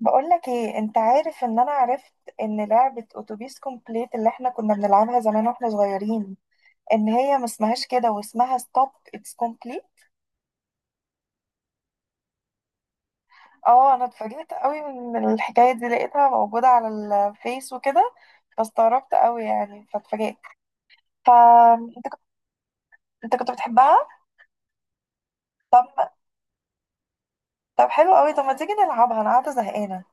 بقولك ايه، انت عارف ان انا عرفت ان لعبة اتوبيس كومبليت اللي احنا كنا بنلعبها زمان واحنا صغيرين ان هي ما اسمهاش كده واسمها ستوب اتس كومبليت؟ اه، انا اتفاجئت قوي من الحكاية دي، لقيتها موجودة على الفيس وكده. فاستغربت قوي يعني، فاتفاجئت. فانت كنت انت كنت بتحبها؟ طب طب، حلو قوي. طب ما تيجي نلعبها؟ انا قاعدة زهقانة.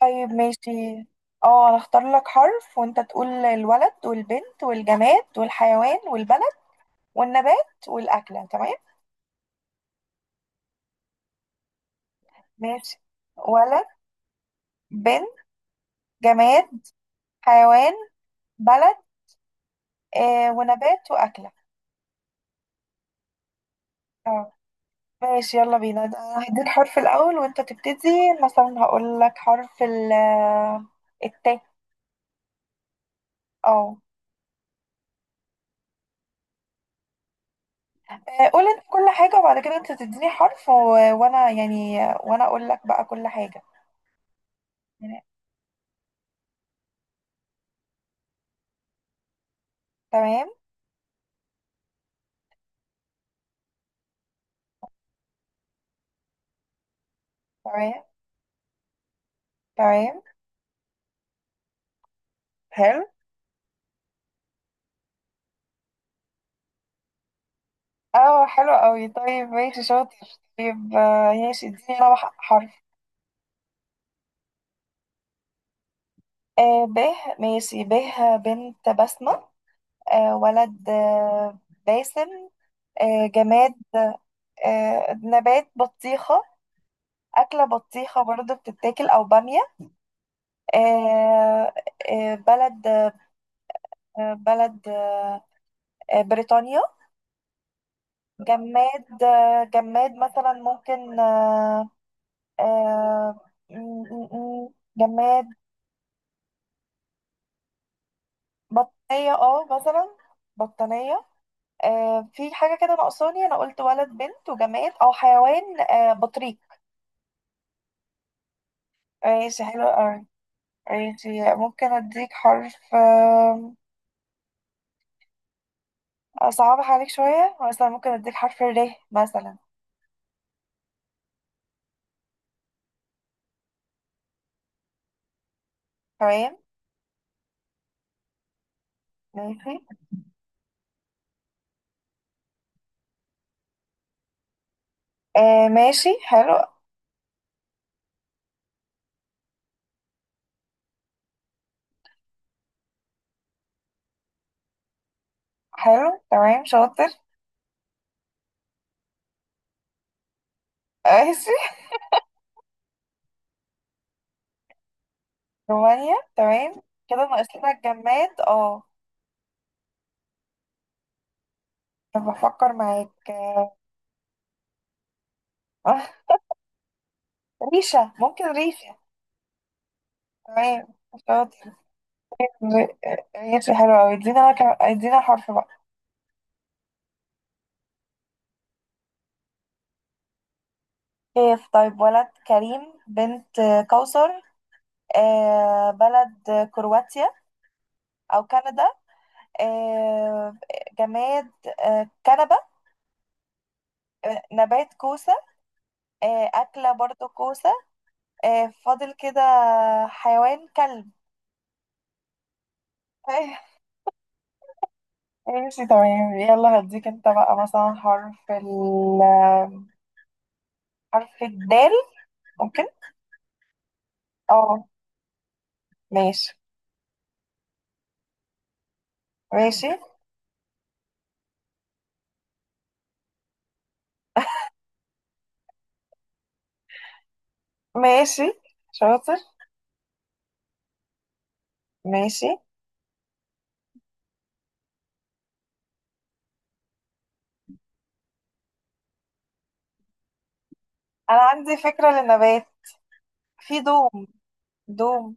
طيب، ماشي. اه، انا اختار لك حرف وانت تقول الولد والبنت والجماد والحيوان والبلد والنبات والأكلة، تمام؟ ماشي. ولد، بنت، جماد، حيوان، بلد، ونبات، وأكلة. اه، ماشي، يلا بينا. ده أنا هديك حرف الأول وأنت تبتدي. مثلا هقول لك حرف ال، التاء. اه. قول انت كل حاجة، وبعد كده انت تديني حرف و... وانا يعني... وانا اقول لك بقى كل حاجة. يعني- تمام، تمام، تمام. حلو. اه، حلو قوي. طيب، ماشي، شاطر. طيب، ماشي، اديني انا حرف. باه، ماشي. باه، بنت: بسمة. ولد. باسم. جماد. نبات: بطيخة. أكلة: بطيخة برضه بتتاكل، أو بامية. آه. بلد. آه بلد بريطانيا. جماد. جماد مثلا، ممكن آه جماد. بطانية، اه، مثلا. بطانية. في حاجة كده ناقصاني، أنا قلت ولد، بنت، وجماد، أو حيوان، بطريق. ماشي، حلو أوي. ماشي، ممكن أديك حرف، أصعبها عليك شوية، مثلا ممكن أديك حرف الر، مثلا. تمام. ماشي، ماشي، حلو. حلو، تمام، شاطر. ماشي. رومانيا، تمام. كده ناقص لنا الجماد، اه. طب، بفكر معاك، آه، ريشة، ممكن ريشة. تمام، شاطر. ر- ريشة حلوة أوي. ادينا حرف بقى. كيف. طيب، ولد: كريم، بنت: كوثر. بلد: كرواتيا، أو كندا. آه، جماد. كنبة. نبات: كوسة. أكلة برضو كوسة. فاضل كده. حيوان: كلب. ماشي، تمام، يلا. هديك انت بقى مثلا حرف ال، حرف الدال، ممكن. اه، ماشي. ماشي، ماشي، شاطر. ماشي، انا عندي فكرة للنبات، في دوم. دوم.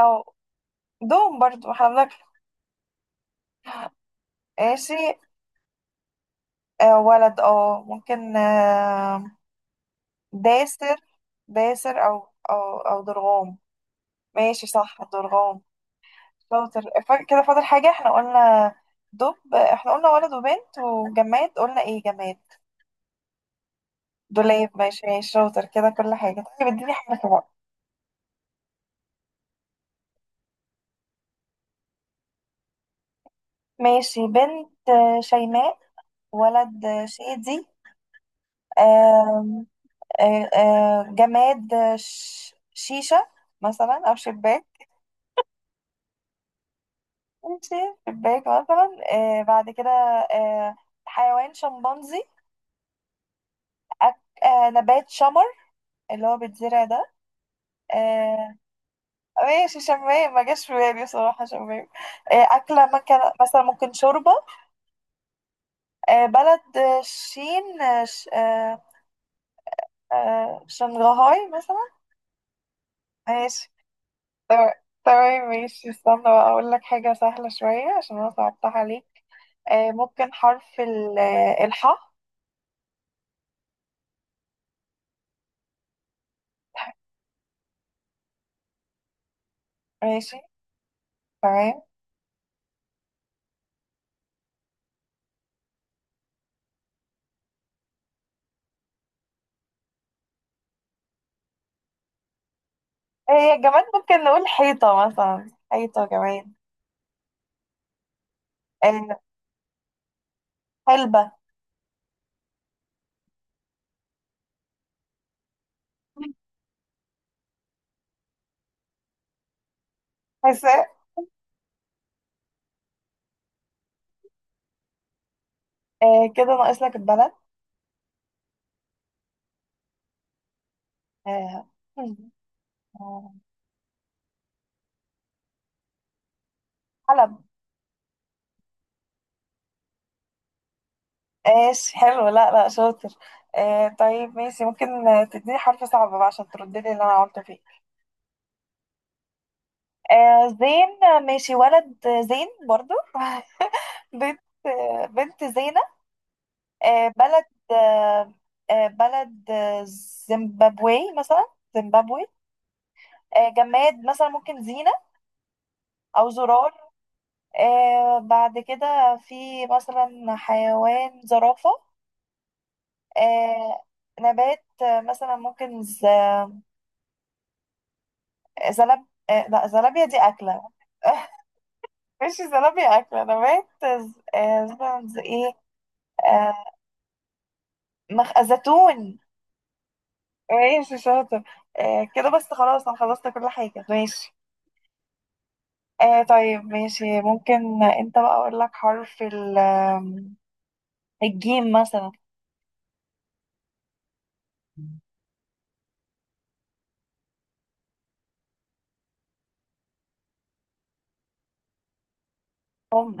او دوم برضو، احنا بنك. ماشي. ولد، اه، ممكن، داسر. داسر، او، او درغام. ماشي، صح، درغام. شاطر. كده فاضل حاجة، احنا قلنا دب. احنا قلنا ولد وبنت وجماد، قلنا ايه جماد؟ دولاب، ماشي، ماشي، شاطر. كده كل حاجة. طيب، اديني حرف بقى. ماشي. بنت: شيماء. ولد: شادي. آم، جماد: شيشة مثلا، أو شباك. ماشي. شباك مثلا، بعد كده. آه حيوان: شمبانزي. أك... آه نبات: شمر، اللي هو بيتزرع ده. آه ماشي، شمام ما جاش في بالي بصراحة، شمام. أكلة مكان، مثلا ممكن شوربة. بلد، شين، آه ش... آه شنغهاي مثلا. ماشي، تمام. تمام، ماشي، استنى بقى أقول لك حاجة سهلة شوية عشان أنا صعبتها عليك. ممكن حرف ال الحاء. ماشي، تمام. هي كمان ممكن نقول حيطة، مثلا، حيطة كمان. آه حلبة. حساء. كده ناقص لك البلد. آه آه، حلب. ايش، حلو، لا، لا، شاطر. طيب، ماشي، ممكن، تديني حرف صعب بقى عشان تردلي اللي انا قلت فيه. زين. ماشي، ولد: زين برضو. بنت. بنت: زينة. بلد، آه بلد، زيمبابوي مثلا. زيمبابوي. جماد مثلا، ممكن زينة، او زرار. بعد كده في، مثلا، حيوان: زرافة. آه نبات، مثلا، ممكن زلب آه لا، زلابيا دي أكلة. مش زلابيا أكلة، نبات. مثلا زي إيه. آه زيتون. ماشي، شاطر. كده بس خلاص، أنا خلصت كل حاجة، ماشي. طيب، ماشي، ممكن أنت بقى أقول لك حرف ال الجيم مثلا.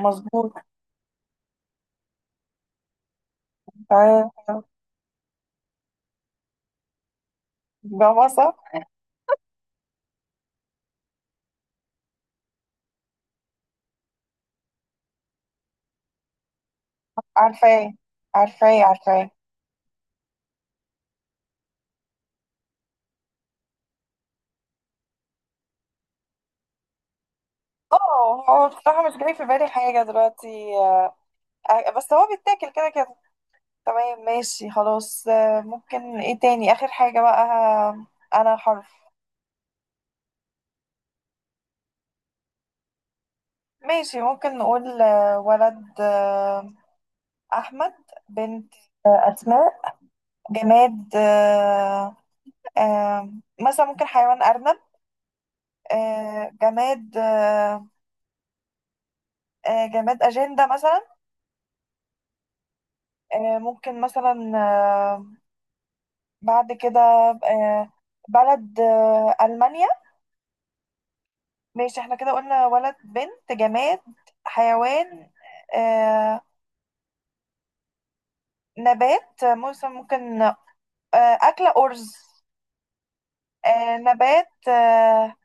مظبوط. آه، بابا، صح. عارفاه، عارفاه، عارفاه. اه، هو بصراحة مش جاي في بالي حاجة دلوقتي، بس هو بيتاكل كده كده. تمام، ماشي، خلاص. ممكن ايه تاني، آخر حاجة بقى، أنا حرف. ماشي، ممكن نقول، ولد: أحمد. بنت: أسماء. جماد، آه، مثلا ممكن حيوان: أرنب. جماد، جماد: أجندة مثلا. ممكن مثلا، بعد كده، آه، بلد: ألمانيا. ماشي، احنا كده قلنا ولد، بنت، جماد، حيوان، آه، نبات، مثلا، ممكن، أكلة: أرز. نبات،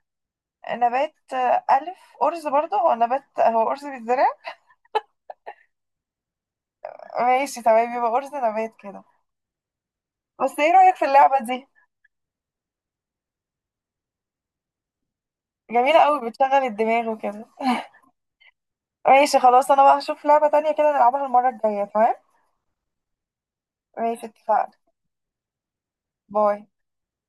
نبات، ألف أرز برضه، هو نبات، هو أرز بيتزرع. ماشي، تمام، يبقى أرز نبات كده. بس ايه رأيك في اللعبة دي؟ جميلة قوي، بتشغل الدماغ وكده. ماشي، خلاص، أنا بقى هشوف لعبة تانية كده نلعبها المرة الجاية، تمام؟ ماشي، اتفقنا. باي.